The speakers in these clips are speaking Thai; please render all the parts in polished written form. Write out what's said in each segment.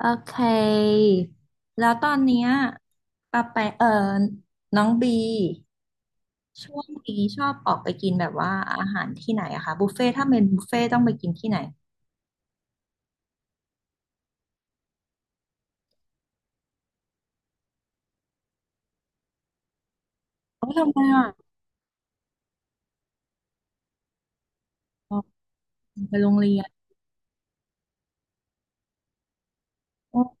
โอเค แล้วตอนเนี้ยปาไปน้องบีช่วงนี้ชอบออกไปกินแบบว่าอาหารที่ไหนอะคะบุฟเฟ่ต์ถ้าเป็นบุฟเฟ่ตต้องไปกินที่ไหนโอ้ยทำไมอะอ๋อไปโรงเรียนโอ้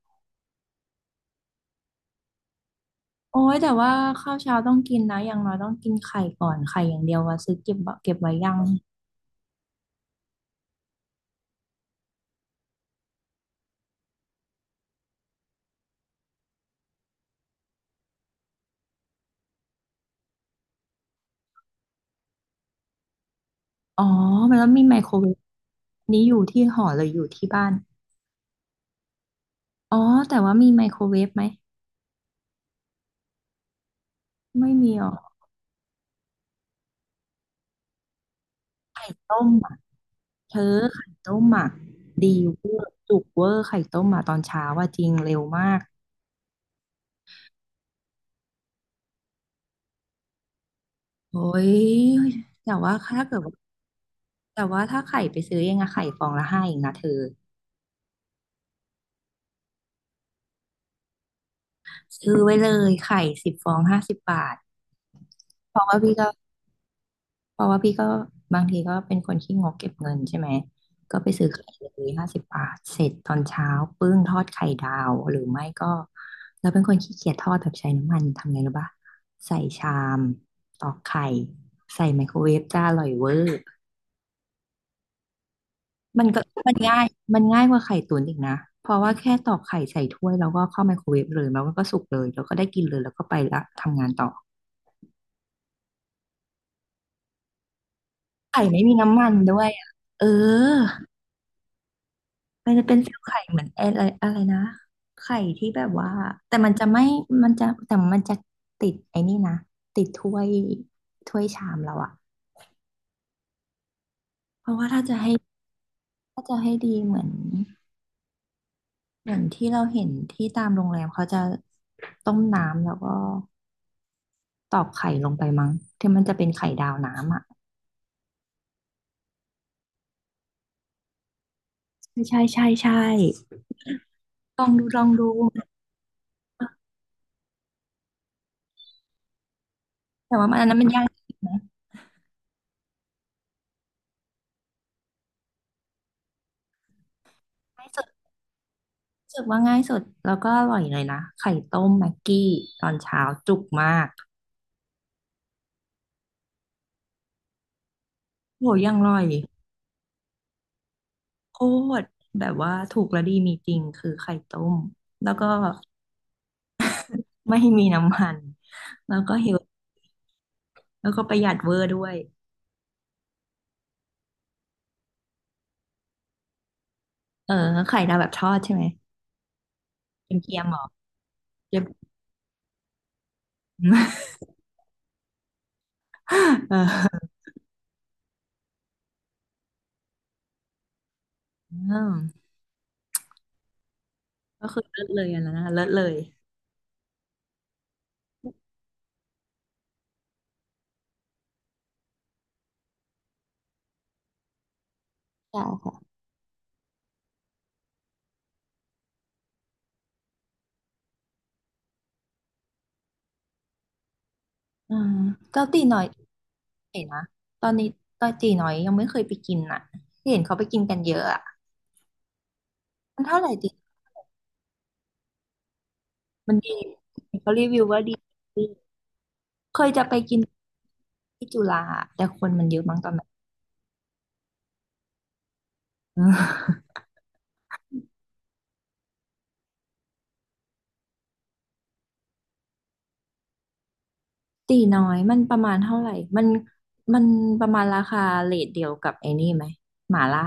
โอ้ยแต่ว่าข้าวเช้าต้องกินนะอย่างน้อยต้องกินไข่ก่อนไข่อย่างเดียวว่าซื้อเก็บเก็บไว้ยังอ๋อมันแล้วมีไมโครเวฟนี้อยู่ที่หอหรืออยู่ที่บ้านอ๋อแต่ว่ามีไมโครเวฟไหมไม่มีหรอต้มอะ เธอไข่ต้มหมักดีเวอร์จุกเวอร์ไข่ต้มหมาตอนเช้าว่าจริงเร็วมากโอ้ยแต่ว่าถ้าเกิดว่าแต่ว่าถ้าไข่ไปซื้อเองอะไข่ฟองละห้าเองนะเธอซื้อไว้เลยไข่10 ฟองห้าสิบบาทเพราะว่าพี่ก็ เพราะว่าพี่ก็บางทีก็เป็นคนขี้งกเก็บเงินใช่ไหมก็ไปซื้อไข่เลยห้าสิบบาทเสร็จตอนเช้าปึ้งทอดไข่ดาวหรือไม่ก็เราเป็นคนขี้เกียจทอดแบบใช้น้ำมันทำไงรู้ปะใส่ชามตอกไข่ใส่ไมโครเวฟจ้าอร่อยเวอร์มันก็มันง่ายมันง่ายกว่าไข่ตุ๋นอีกนะเพราะว่าแค่ตอกไข่ใส่ถ้วยแล้วก็เข้าไมโครเวฟเลยแล้วมันก็สุกเลยแล้วก็ได้กินเลยแล้วก็ไปละทำงานต่อไข่ไม่มีน้ำมันด้วยอะเออ มันจะเป็นเซลล์ไข่เหมือนอะไรอะไรนะไข่ที่แบบว่าแต่มันจะไม่มันจะแต่มันจะติดไอ้นี่นะติดถ้วยถ้วยชามเราอะเพราะว่าถ้าจะให้ถ้าจะให้ดีเหมือนเหมือนที่เราเห็นที่ตามโรงแรมเขาจะต้มน้ำแล้วก็ตอกไข่ลงไปมั้งที่มันจะเป็นไข่ดาวน้ำอะใช่ใช่ใช่ใช่ลองดูลองดูแต่ว่ามันอันนั้นมันยากจริงนะง่ายสุดรู้สึกว่าง่ายสุดแล้วก็อร่อยเลยนะไข่ต้มแม็กกี้ตอนเช้าจุกมาก โหยังอร่อยโคตรแบบว่าถูกและดีมีจริงคือไข่ต้มแล้วก็ไม่มีน้ำมันแล้วก็เฮลแล้วก็ประหยัดเวอร์ด้วยเออไข่ดาวแบบทอดใช่ไหมเป็นเกียมเหรอเกี๊ยม เอออืมก็คือเลิศเลยอันนั้นนะเลิศเลยใช่ค่ะอืมเจ้าตีน้อยเห็นนะตอนนี้ตอนตีน้อยยังไม่เคยไปกินอ่ะเห็นเขาไปกินกันเยอะอ่ะมันเท่าไหร่ตีมันดีเขารีวิวว่าดีเคยจะไปกิน ที่จุฬาแต่คนมันเยอะมั้งตอนนั้น ตีน้อยมันประมาณเท่าไหร่มันมันประมาณราคาเรทเดียวกับไอ้นี่ไหมหม่าล่า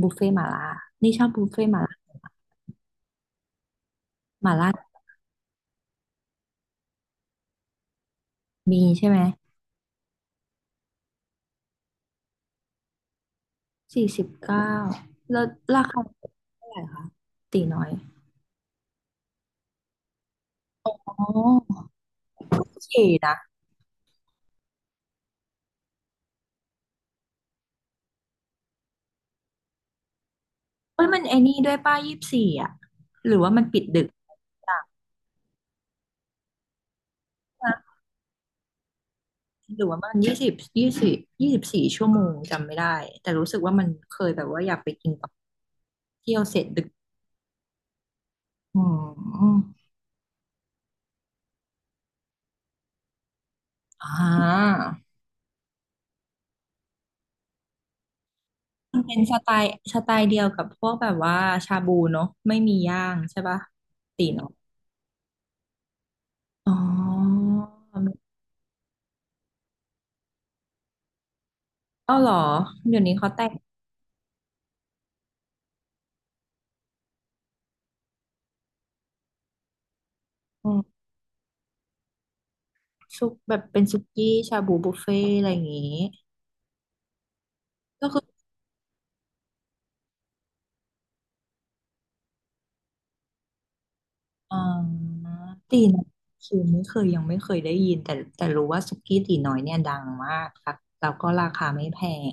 บุฟเฟ่หม่าล่านี่ชอบบุฟเฟ่หม่าล่าหม่าล่ามีใช่ไหม49แล้วราคาเท่าไหร่คะตีน้อยอ๋อโอเคนะเอ้ยมันไอ้นี่ด้วยป้ายี่สิบสี่อ่ะหรือว่ามันปิดดึกอ่ะ หรือว่ามันยี่สิบยี่สิบ24 ชั่วโมงจำไม่ได้แต่รู้สึกว่ามันเคยแบบว่าอยากไปกินแบบเที่ยวเสร็จดึกอืมอ่ามันเป็นสไตล์สไตล์เดียวกับพวกแบบว่าชาบูเนาะไม่มีย่างใช่ปะตีเนาะอ๋อเอ้าเหรอเดี๋ยวนี้เขาแต่งอืมซุปแบบเป็นซุกี้ชาบูบุฟเฟ่อะไรอย่างงี้ก็คือ อ่าตีน้อยคือไม่เคยยังไม่เคยได้ยินแต่แต่รู้ว่าสุกี้ตีน้อยเนี่ยดังมากค่ะแล้วก็ราคาไม่แพง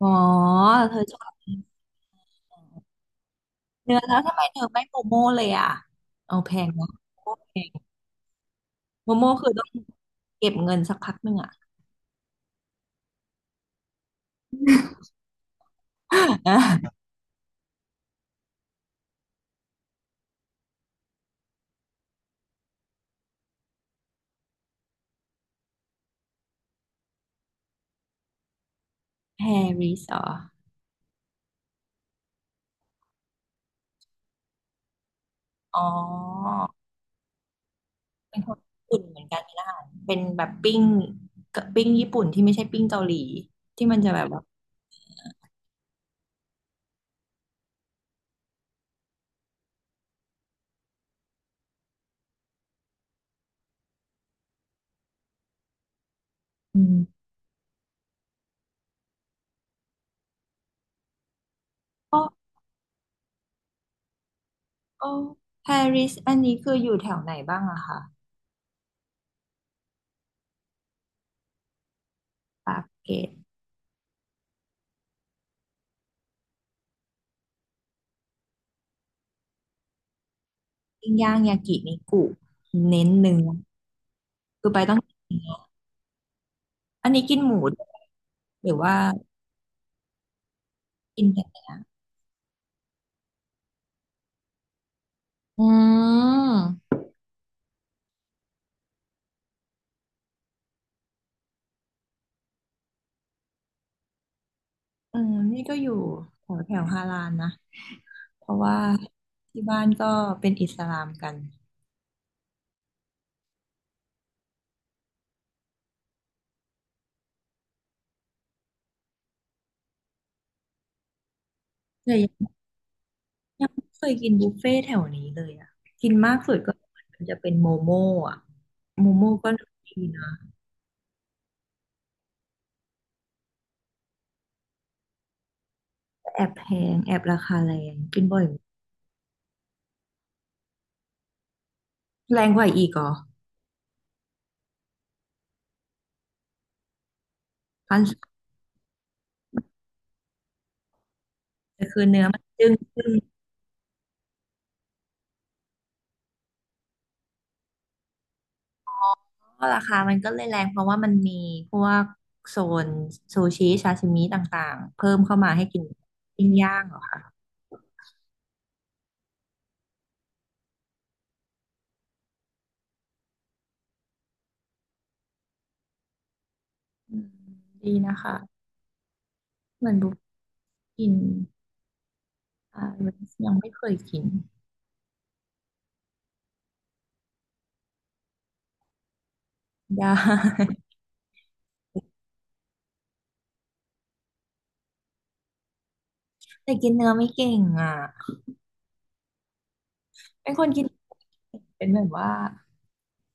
อ๋อเธอชอบเนื้อแล้วทำไมเธอไม่โมโม่เลยอ่ะเอาแพงนะโมโม่แพงโมโม่คือต้องเก็บเงินสักพักหนึ่งอ่ะ แฮริสเหรออ๋อเป็นคนญี่ปุ่นเหมือนกันนี้เป็นแบบปิ้งปิ้งญี่ปุ่นที่ไม่ใช่ปิ้งเกาหลีที่มันจะแบบว่าอืมก็ โอ้ปารีสอันนี้คืออยู่แถวไหนบ้างอะคะปากเกร็ดปิ้งย่างยากินิกุเน้นเนื้อคือไปต้องกินเนื้ออันนี้กินหมูด้วยหรือว่ากินแต่เนื้ออืมเออนี่ก็อยู่แถวแถวฮารานนะเพราะว่าที่บ้านก็เป็นอิสลามกันเลยยังไม่เคยกินบุฟเฟ่ต์แถวนี้เลยอะกินมากสุดก็มันจะเป็นโมโม่อะโมโม่ก็ดีนะแต่แอบแพงแอบราคาแรงกินบ่อยแรงกว่าอีกเหรอ คอนคือเนื้อมันจึ้งจึ้งก็ราคามันก็เลยแรงเพราะว่ามันมีพวกโซนซูชิชาชิมิต่างๆเพิ่มเข้ามาให้กินปิ้งย่างเหรอคะอืมดีนะคะเหมือนบุกกินอ่ายังไม่เคยกินได้ แต่กินเนื้อไม่เก่งอ่ะเป็นคนกินเป็นแบบว่า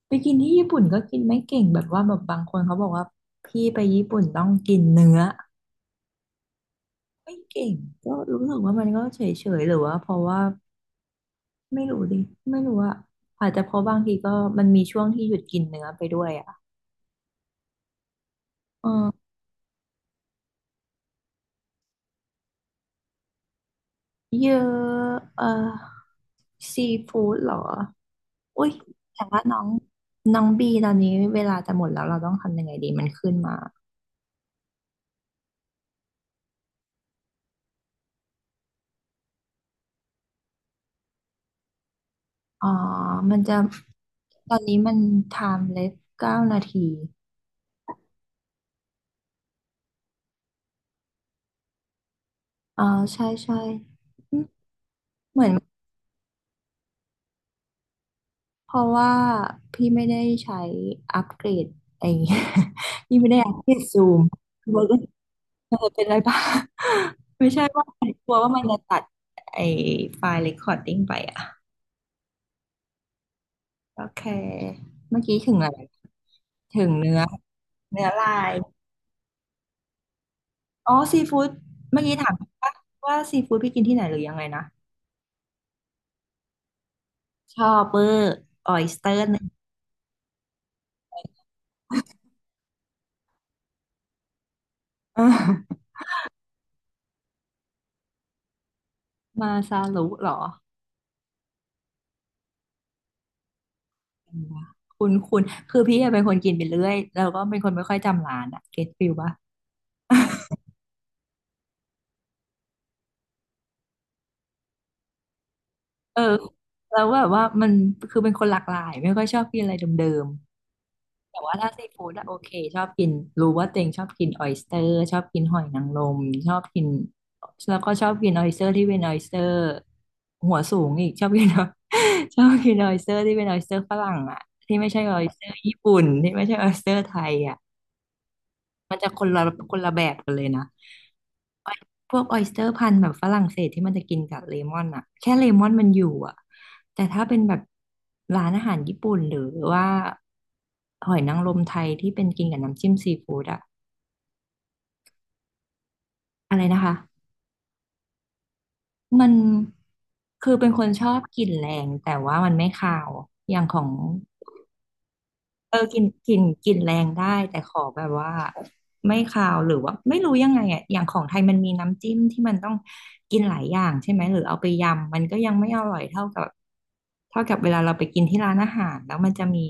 ไปกินที่ญี่ปุ่นก็กินไม่เก่งแบบว่าแบบบางคนเขาบอกว่าพี่ไปญี่ปุ่นต้องกินเนื้อไม่เก่งก็รู้สึกว่ามันก็เฉยๆหรือว่าเพราะว่า ไม่รู้ดิไม่รู้อะอาจจะเพราะบางทีก็มันมีช่วงที่หยุดกินเนื้อไปด้วยอะเออเยอะเออซีฟู้ดเหรออุ้ยแต่ว่าน้องน้องบีตอนนี้เวลาจะหมดแล้วเราต้องทำยังไงดีมันขึ้นมาอ๋อมันจะตอนนี้มัน timeless เลส9 นาทีอ๋อใช่ใช่อืมเหมือนเพราะว่าพี่ไม่ได้ใช้อัปเกรดไอ้ พี่ไม่ได้อัปเกรดซูม เออเป็นไรบ้าง ไม่ใช่ว่าใครกลัวว่ามันจะตัดไอ้ไฟล์ recording ไปอ่ะโอเคเมื่อกี้ถึงอะไรถึงเนื้อเนื้อลายอ๋อซีฟู้ดเมื่อกี้ถามว่าว่าซีฟู้ดพี่กินที่ไหนหรือยังไงนะชอบเบอร์ ออยสเตอร์นึงเออมาซาลุเหรอคุณคุณคือพี่อะเป็นคนกินไปเรื่อยแล้วก็เป็นคนไม่ค่อยจำร้านอะเก็ตฟิลปะเออแล้วแบบว่ามันคือเป็นคนหลากหลายไม่ค่อยชอบกินอะไรเดิม แต่ว่าถ้าซีฟู้ดอะโอเคชอบกินรู้ว่าตัวเองชอบกินออยสเตอร์ชอบกินหอยนางรมชอบกินแล้วก็ชอบกินออยสเตอร์ที่เป็นออยสเตอร์หัวสูงอีกชอบกิน ชอบกินออยสเตอร์ที่เป็นออยสเตอร์ฝรั่งอะที่ไม่ใช่ออยสเตอร์ญี่ปุ่นที่ไม่ใช่ออยสเตอร์ไทยอะมันจะคนละคนละแบบกันเลยนะ พวกออยสเตอร์พันธุ์แบบฝรั่งเศสที่มันจะกินกับเลมอนอะแค่เลมอนมันอยู่อะแต่ถ้าเป็นแบบร้านอาหารญี่ปุ่นหรือว่าหอยนางรมไทยที่เป็นกินกับน้ำจิ้มซีฟู้ดอะอะไรนะคะมันคือเป็นคนชอบกลิ่นแรงแต่ว่ามันไม่คาวอย่างของ เออกลิ่นแรงได้แต่ขอแบบว่าไม่คาวหรือว่าไม่รู้ยังไงอ่ะอย่างของไทยมันมีน้ำจิ้มที่มันต้องกินหลายอย่างใช่ไหมหรือเอาไปยำมันก็ยังไม่อร่อยเท่ากับเท่ากับเวลาเราไปกินที่ร้านอาหารแล้วมันจะมี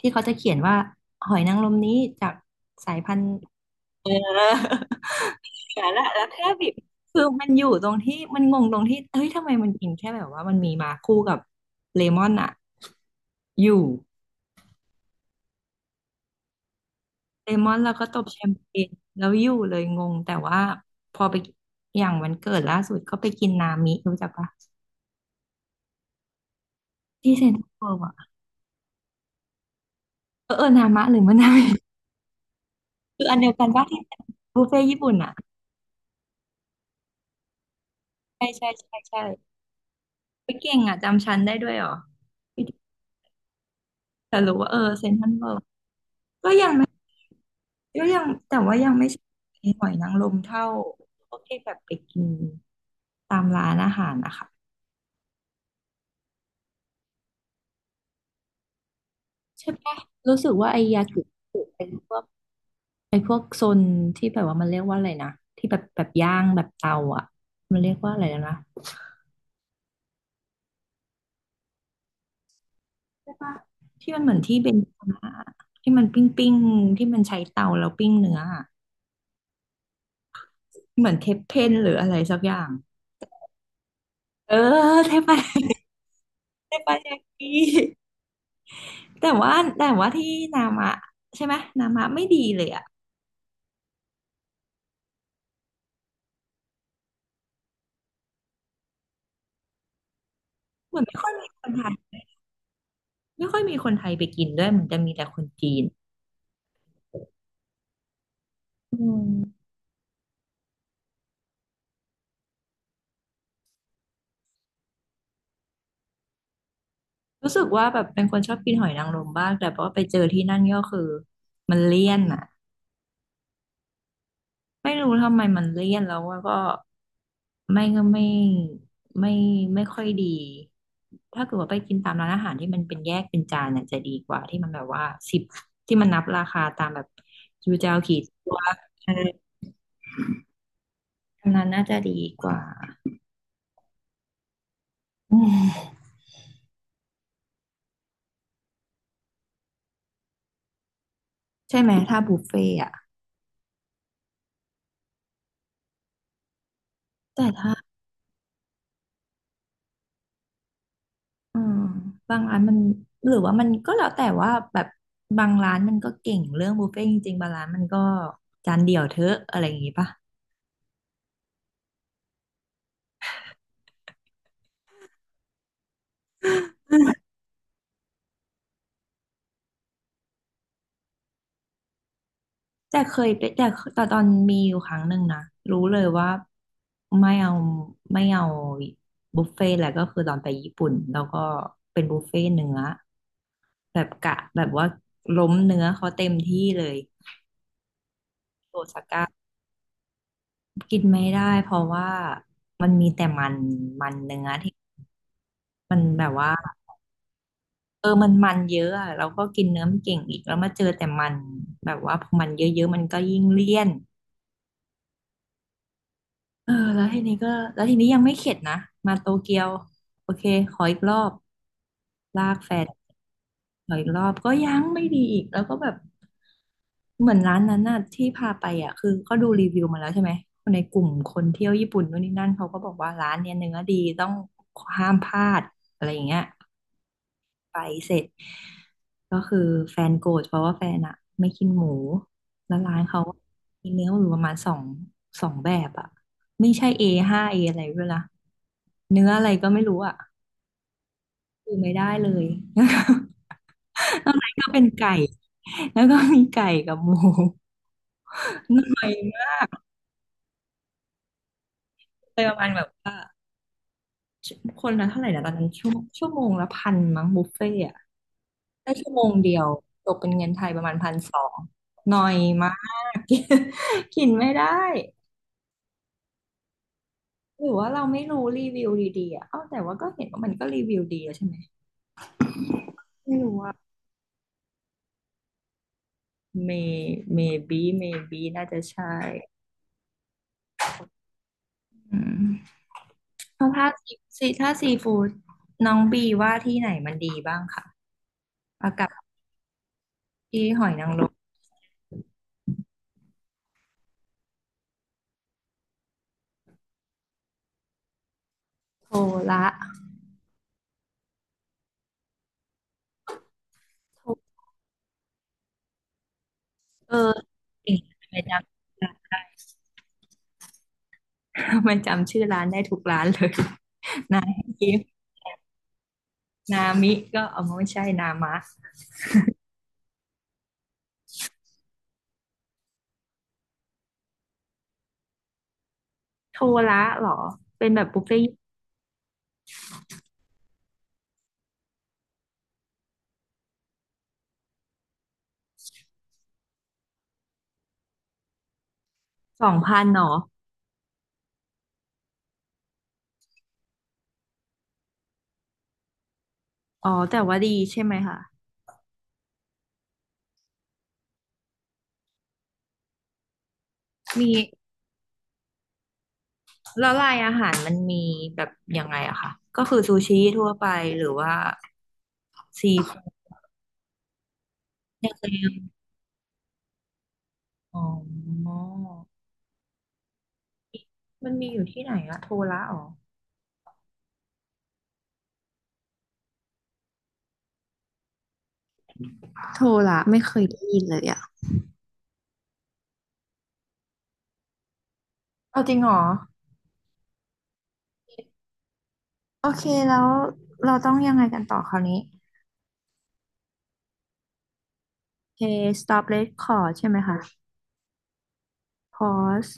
ที่เขาจะเขียนว่าหอยนางรมนี้จากสายพันธุ์เออ แต่ละแล้วแค่บิบคือมันอยู่ตรงที่มันงงตรงที่เอ้ยทำไมมันกินแค่แบบว่ามันมีมาคู่กับเลมอนอ่ะอยู่ เลมอนแล้วก็ตบแชมเปญแล้วอยู่เลยงงแต่ว่าพอไปอย่างวันเกิดล่าสุดก็ไปกินนามิรู้จักปะที่เซ็นทรัลเวิลด์อะเออเออนามะหรือมะนนามิ คืออันเดียวกันปะที่บุฟเฟ่ต์ญี่ปุ่นอะใช่ใช่ใช่ใช่ไปเก่งอะจำชั้นได้ด้วยเหรอแต่รู้ว่าเออเซ็นทรัลเวิลด์ก็ยังไม่ก็ยังแต่ว่ายังไม่ใช่หอยนางรมเท่าพวกที่แบบไปกินตามร้านอาหารนะคะใช่ปะรู้สึกว่าไอยากิเป็นพวก ไอ้พวกโซนที่แบบว่ามันเรียกว่าอะไรนะที่แบบแบบย่างแบบเตาอ่ะมันเรียกว่าอะไรแล้วนะใช่ปะที่มันเหมือนที่เบนซ์มาที่มันปิ้งที่มันใช้เตาแล้วปิ้งเนื้ออะเหมือนเทปเพนหรืออะไรสักอย่างเออเทปะเทปะยากิแต่ว่าแต่ว่าที่นามะใช่ไหมนามะไม่ดีเลยอ่ะเหมือนไม่ค่อยมีคนไทยไม่ค่อยมีคนไทยไปกินด้วยเหมือนจะมีแต่คนจีนอืม รู้สึกว่าแบบเป็นคนชอบกินหอยนางรมบ้างแต่พอไปเจอที่นั่นก็คือมันเลี่ยนอ่ะไม่รู้ทำไมมันเลี่ยนแล้วว่าก็ไม่ก็ไม่ไม่ค่อยดีถ้าเกิดว่าไปกินตามร้านอาหารที่มันเป็นแยกเป็นจานน่ะจะดีกว่าที่มันแบบว่าสิบที่มันนับราคาตามแบบจูเจ้วกี่ตัวเอออันนั้นน่าจะดีกว่าอืมใช่ไหมถ้าบุฟเฟ่อะแต่ถ้า อืมบางร้านมันหรือว่ามันก็แล้วแต่ว่าแบบบางร้านมันก็เก่งเรื่องบุฟเฟ่ต์จริงๆบางร้านมันก็จานเดียวเถอะอะไรอย่างงี้ปะแต่เคยไปแต่แต่ตอนมีอยู่ครั้งหนึ่งนะรู้เลยว่าไม่เอาไม่เอาบุฟเฟ่ต์แหละก็คือตอนไปญี่ปุ่นแล้วก็เป็นบุฟเฟ่ต์เนื้อแบบกะแบบว่าล้มเนื้อเขาเต็มที่เลยโอซาก้ากินไม่ได้เพราะว่ามันมีแต่มันมันเนื้อที่มันแบบว่า อมันเยอะอะเราก็กินเนื้อไม่เก่งอีกแล้วมาเจอแต่มันแบบว่าพอมันเยอะๆมันก็ยิ่งเลี่ยนเออแล้วทีนี้ก็แล้วทีนี้ยังไม่เข็ดนะมาโตเกียวโอเคขออีกรอบลากแฟนขออีกรอบก็ยังไม่ดีอีกแล้วก็แบบเหมือนร้านนั้นน่ะที่พาไปอ่ะคือก็ดูรีวิวมาแล้วใช่ไหมคนในกลุ่มคนเที่ยวญี่ปุ่นนู่นนี่นั่นเขาก็บอกว่าร้านเนี้ยเนื้อดีต้องห้ามพลาดอะไรอย่างเงี้ย ไปเสร็จก็คือแฟนโกรธเพราะว่าแฟนอะไม่กินหมูแล้วร้านเขามีเนื้ออยู่ประมาณสองสองแบบอะไม่ใช่ A ห้า A ออะไรด้วยล่ะเนื้ออะไรก็ไม่รู้อะคือไม่ได้เลย ข้างในก็เป็นไก่แล้วก็มีไก่กับหมู หน่อยมากเลยประมาณแบบว่าคนละเท่าไหร่นะตอนนั้นชั่วโมงละพันมั้งบุฟเฟ่ต์อะ ได้ชั่วโมงเดียวตกเป็นเงินไทยประมาณ1,200หน่อยมาก กินไม่ได้หรือว่าเราไม่รู้รีวิวดีๆอ่ะเอ้าแต่ว่าก็เห็นว่ามันก็รีวิวดีอะใช่ไหมไม่รู้ว่า may maybe maybe น่าจะใช่อืมแล้วถ้าาซีซีถ้าซีฟู้ดน้องบีว่าที่ไหนมันดีบ้างค่ะเอากับที่หอยนางรมโทระโทเออเก่งทำไม่จำทำไม่จำชื่อร้านได้ทุกร้านเลย นายยิ้ม นามิก็เอามาไม่ใช่นามะโทระเหรอเป็นแบบบุฟเฟ่ต์2,000หรออ๋อแต่ว่าดีใช่ไหมคะมีแล้วลายอาหารมันมีแบบยังไงอะคะก็คือซูชิทั่วไปหรือว่าซีฟู้ดในทะเคมอ๋อมันมีอยู่ที่ไหนอะโทระอ๋อโทราะไม่เคยได้ยินเลยอ่ะเอาจริงเหรอโอเคแล้วเราต้องยังไงกันต่อคราวนี้โอเค stop record ใช่ไหมคะ pause